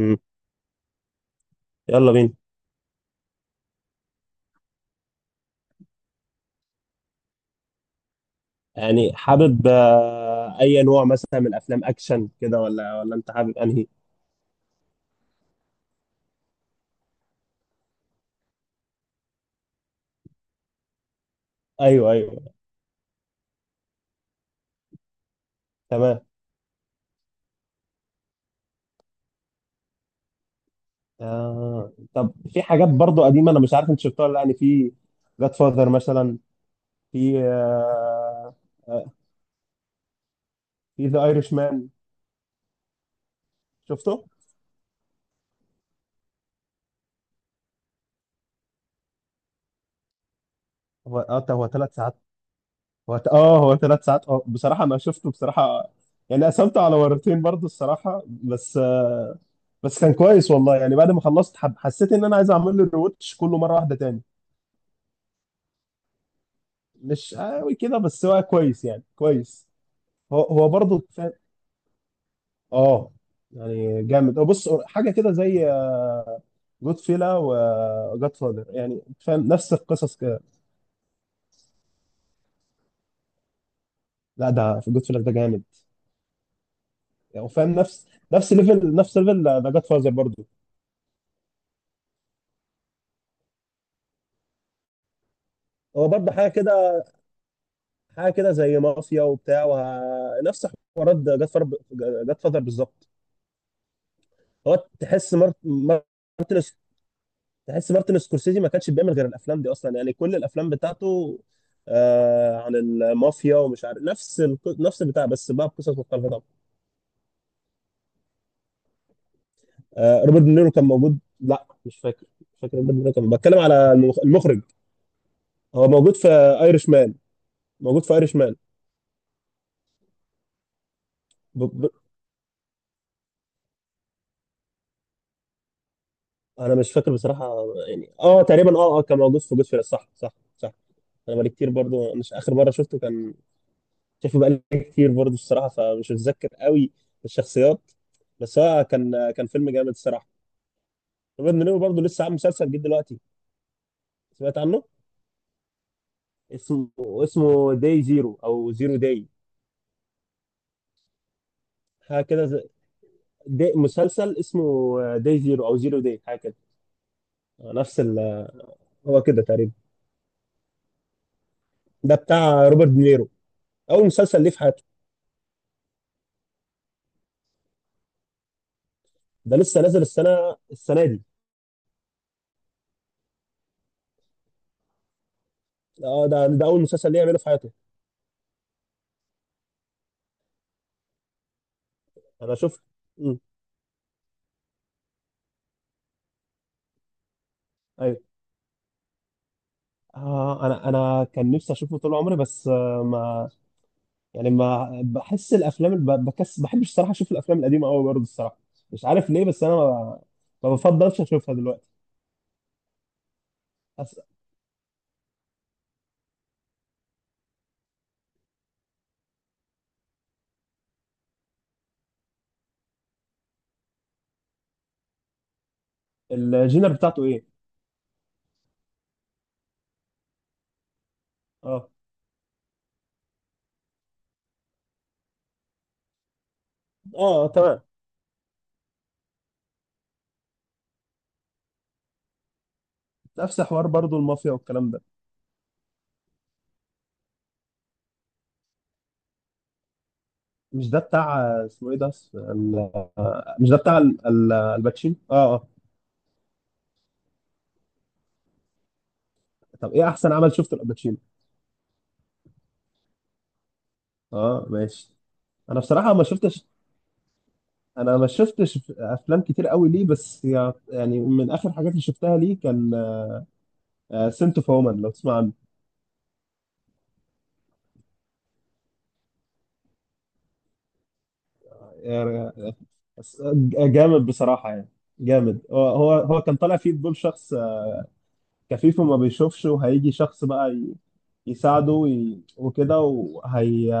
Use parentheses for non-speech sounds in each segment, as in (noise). مم. يلا بينا. يعني حابب، اي نوع مثلا؟ من افلام اكشن كده ولا انت حابب انهي؟ ايوه، ايوه. تمام. آه. طب في حاجات برضو قديمه، انا مش عارف انت شفتها ولا لأ، يعني في جاد فاذر مثلا، في آه، في ذا ايرش مان. شفته. هو هو ثلاث ساعات. هو هو ثلاث ساعات. اه بصراحه ما شفته بصراحه، يعني قسمته على مرتين برضو الصراحه. بس بس كان كويس والله، يعني بعد ما خلصت حسيت ان انا عايز اعمل له ريوتش كله مره واحده تاني. مش قوي كده بس هو كويس، يعني كويس. هو برضه فاهم. اه، يعني جامد. بص حاجه كده زي جود فيلا وجاد فادر، يعني فاهم؟ نفس القصص كده. لا، ده في جود فيلا ده جامد، يعني فاهم؟ نفس ليفل، نفس ليفل ده جاد فازر برضه. هو برضه حاجه كده، حاجه كده زي مافيا وبتاع نفس حوارات جاد فادر. جاد فادر بالظبط. هو تحس مارتن، تحس مارتن سكورسيزي ما كانش بيعمل غير الافلام دي اصلا، يعني كل الافلام بتاعته آه عن المافيا ومش عارف، نفس البتاع، بس بقى بقصص مختلفه طبعا. آه روبرت دينيرو كان موجود. لا مش فاكر، مش فاكر روبرت دينيرو، كان بتكلم على المخرج. هو موجود في ايرش مان، موجود في ايرش مان. ب... ب... انا مش فاكر بصراحه، يعني اه تقريبا، اه كان موجود في جود فيلز. صح، صح، صح. انا بقالي كتير برضو، مش اخر مره شفته كان شايفه، بقالي كتير برضه الصراحه، فمش متذكر قوي الشخصيات. بس هو كان، كان فيلم جامد الصراحه. روبرت دينيرو برضه لسه عامل مسلسل جديد دلوقتي. سمعت عنه؟ اسمه، اسمه داي زيرو او زيرو داي، حاجه كده زي- دي مسلسل اسمه داي زيرو او زيرو داي، حاجه كده. نفس هو كده تقريبا. ده بتاع روبرت دينيرو، اول مسلسل ليه في حياته. ده لسه نازل السنه، السنه دي. اه ده، ده اول مسلسل ليه يعمله في حياته. انا شفت. مم. ايوه. آه انا كان نفسي اشوفه طول عمري، بس آه ما، يعني ما بحس الافلام بكس بحبش الصراحه اشوف الافلام القديمه قوي برضه الصراحه، مش عارف ليه، بس انا ما، ما بفضلش اشوفها دلوقتي. أس... الجينر بتاعته ايه؟ اه، اه تمام. نفس حوار برضه المافيا والكلام ده. مش ده بتاع، اسمه ايه ده مش ده بتاع الباتشينو؟ اه، اه. طب ايه احسن عمل شفته الباتشينو؟ اه ماشي. انا بصراحه ما شفتش، انا ما شفتش افلام كتير قوي ليه، بس يعني من اخر حاجات اللي شفتها ليه كان سنت اوف وومن، لو تسمع عنه. بس جامد بصراحة يعني، جامد. هو كان طالع فيه بدور شخص كفيف وما بيشوفش، وهيجي شخص بقى يساعده وكده، وهي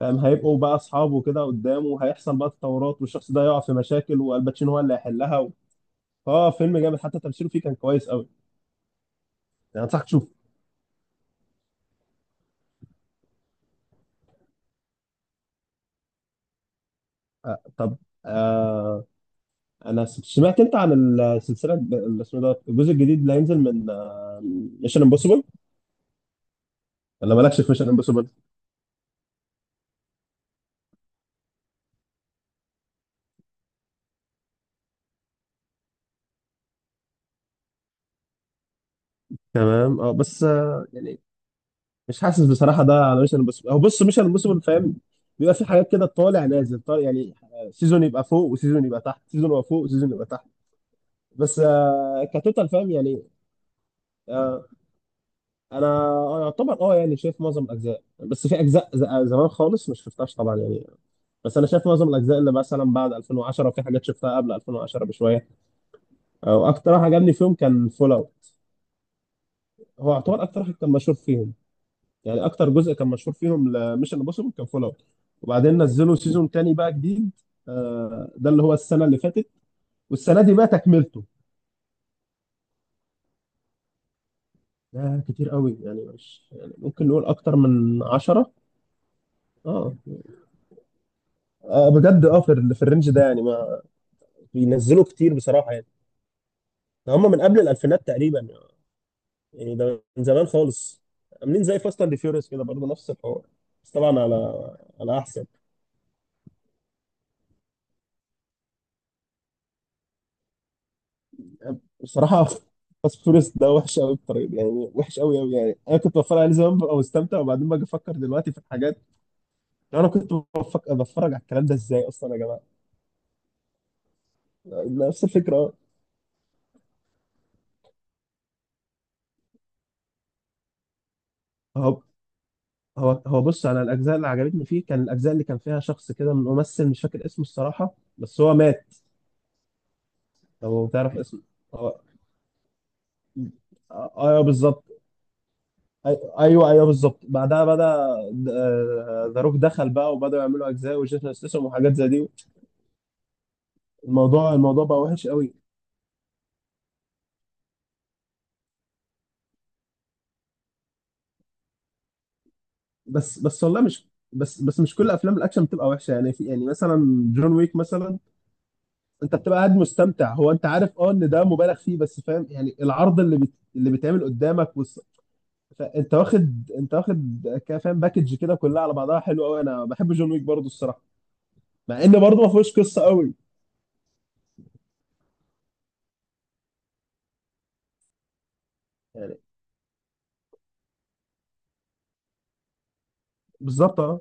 فاهم هيبقوا بقى أصحاب وكده قدامه، وهيحصل بقى تطورات والشخص ده يقع في مشاكل والباتشينو هو اللي هيحلها، فهو فيلم جامد، حتى تمثيله فيه كان كويس قوي. يعني أنصحك تشوفه. طب، آه، أنا سمعت أنت عن السلسلة اللي اسمه ده، الجزء الجديد اللي هينزل من ميشن امبوسيبل؟ ولا مالكش في ميشن امبوسيبل؟ تمام اه. بس آه، مش حاسس بصراحه ده على، مش الموسم. هو بص مش الموسم، فاهم؟ بيبقى في حاجات كده طالع نازل طالع، يعني سيزون يبقى فوق وسيزون يبقى تحت، سيزون يبقى فوق وسيزون يبقى تحت. بس آه كتوتال فاهم يعني. آه. انا، يعتبر، اه يعني شايف معظم الاجزاء، بس في اجزاء زمان خالص ما شفتهاش طبعا، يعني بس انا شايف معظم الاجزاء اللي مثلا بعد 2010، وفي حاجات شفتها قبل 2010 بشويه. واكتر واحد عجبني فيهم كان فول اوت. هو يعتبر اكتر واحد كان مشهور فيهم، يعني اكتر جزء كان مشهور فيهم، مش امبوسيبل، كان فول اوت. وبعدين نزلوا سيزون تاني بقى جديد، ده اللي هو السنه اللي فاتت، والسنه دي بقى تكملته. ده كتير قوي يعني، مش يعني، ممكن نقول اكتر من عشرة. اه. بجد، اه. في في الرينج ده، يعني ما بينزلوا كتير بصراحه يعني. ده هم من قبل الالفينات تقريبا يعني، يعني ده من زمان خالص. عاملين زي فاست اند فيوريوس كده برضه، نفس الحوار. بس طبعا على، على احسن. بصراحة فاست فوريوس ده وحش قوي بطريقة، يعني وحش قوي قوي يعني. أنا كنت بتفرج عليه زمان ببقى مستمتع، وبعدين باجي أفكر دلوقتي في الحاجات، لو أنا كنت بتفرج على الكلام ده إزاي أصلا يا جماعة؟ نفس الفكرة. هو هو بص، أنا الأجزاء اللي عجبتني فيه كان الأجزاء اللي كان فيها شخص كده، من ممثل مش فاكر اسمه الصراحة بس هو مات. لو تعرف اسمه. هو، أيوه بالظبط. أيوه، أيوه بالظبط. بعدها بدأ ذا روك دخل بقى، وبدأوا يعملوا أجزاء وجيسون ستاثام وحاجات زي دي. الموضوع بقى وحش قوي. بس والله، مش بس مش كل افلام الاكشن بتبقى وحشه. يعني في، يعني مثلا جون ويك مثلا، انت بتبقى قاعد مستمتع. هو انت عارف اه ان ده مبالغ فيه، بس فاهم يعني العرض اللي اللي بيتعمل قدامك فانت واخد، انت واخد كده فاهم، باكج كده كلها على بعضها حلو قوي. انا بحب جون ويك برضه الصراحه، مع ان برضه ما فيهوش قصه قوي، يعني. بالظبط اه.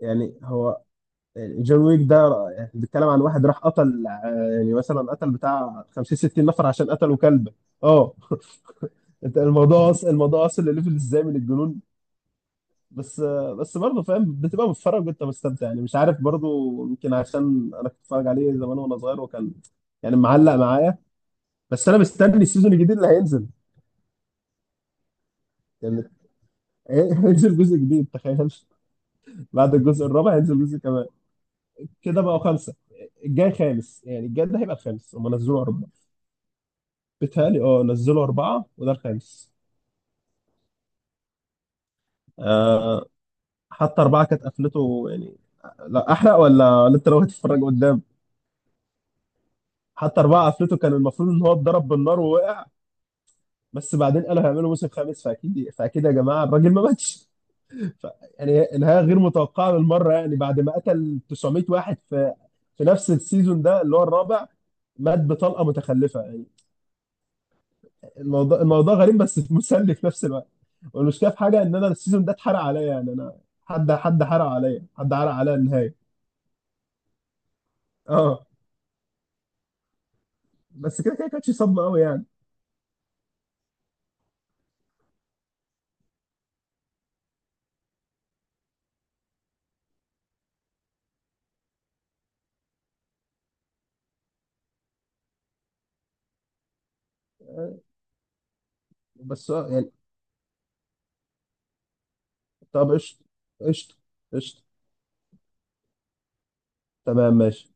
يعني هو، يعني جون ويك ده يعني بيتكلم عن واحد راح قتل، يعني مثلا قتل بتاع 50 60 نفر عشان قتلوا كلب. اه. انت الموضوع اصلا لليفل ازاي من الجنون! بس بس برضه فاهم، بتبقى بتتفرج وانت مستمتع يعني، مش عارف برضه، يمكن عشان انا كنت بتفرج عليه زمان وانا صغير، وكان يعني معلق معايا. بس انا مستني السيزون الجديد اللي هينزل، يعني. (laughs) هينزل جزء جديد تخيل، بعد الجزء الرابع هينزل جزء كمان. كده بقى خمسه، الجاي خامس. يعني الجاي ده هيبقى الخامس، هم نزلوا اربعه. بيتهيألي اه نزلوا اربعه وده الخامس. آه، حتى اربعه كانت قفلته يعني. لا احرق ولا انت لو هتتفرج قدام. حتى أربعة قفلته، كان المفروض إن هو اتضرب بالنار ووقع، بس بعدين قالوا هيعملوا موسم خامس. فأكيد، فأكيد يا جماعة الراجل ما ماتش. ف- يعني نهاية غير متوقعة للمرة، يعني بعد ما قتل 900 واحد في في نفس السيزون ده اللي هو الرابع، مات بطلقة متخلفة يعني. الموضوع غريب، بس (laughs) مسلي في نفس الوقت. والمشكلة في حاجة إن أنا السيزون ده اتحرق عليا، يعني أنا حد حرق عليا، حد حرق عليا النهاية. أه. بس كده كده كانتش صدمة أوي يعني. آه. بس آه، يعني طب قشطة، قشطة، قشطة. تمام ماشي.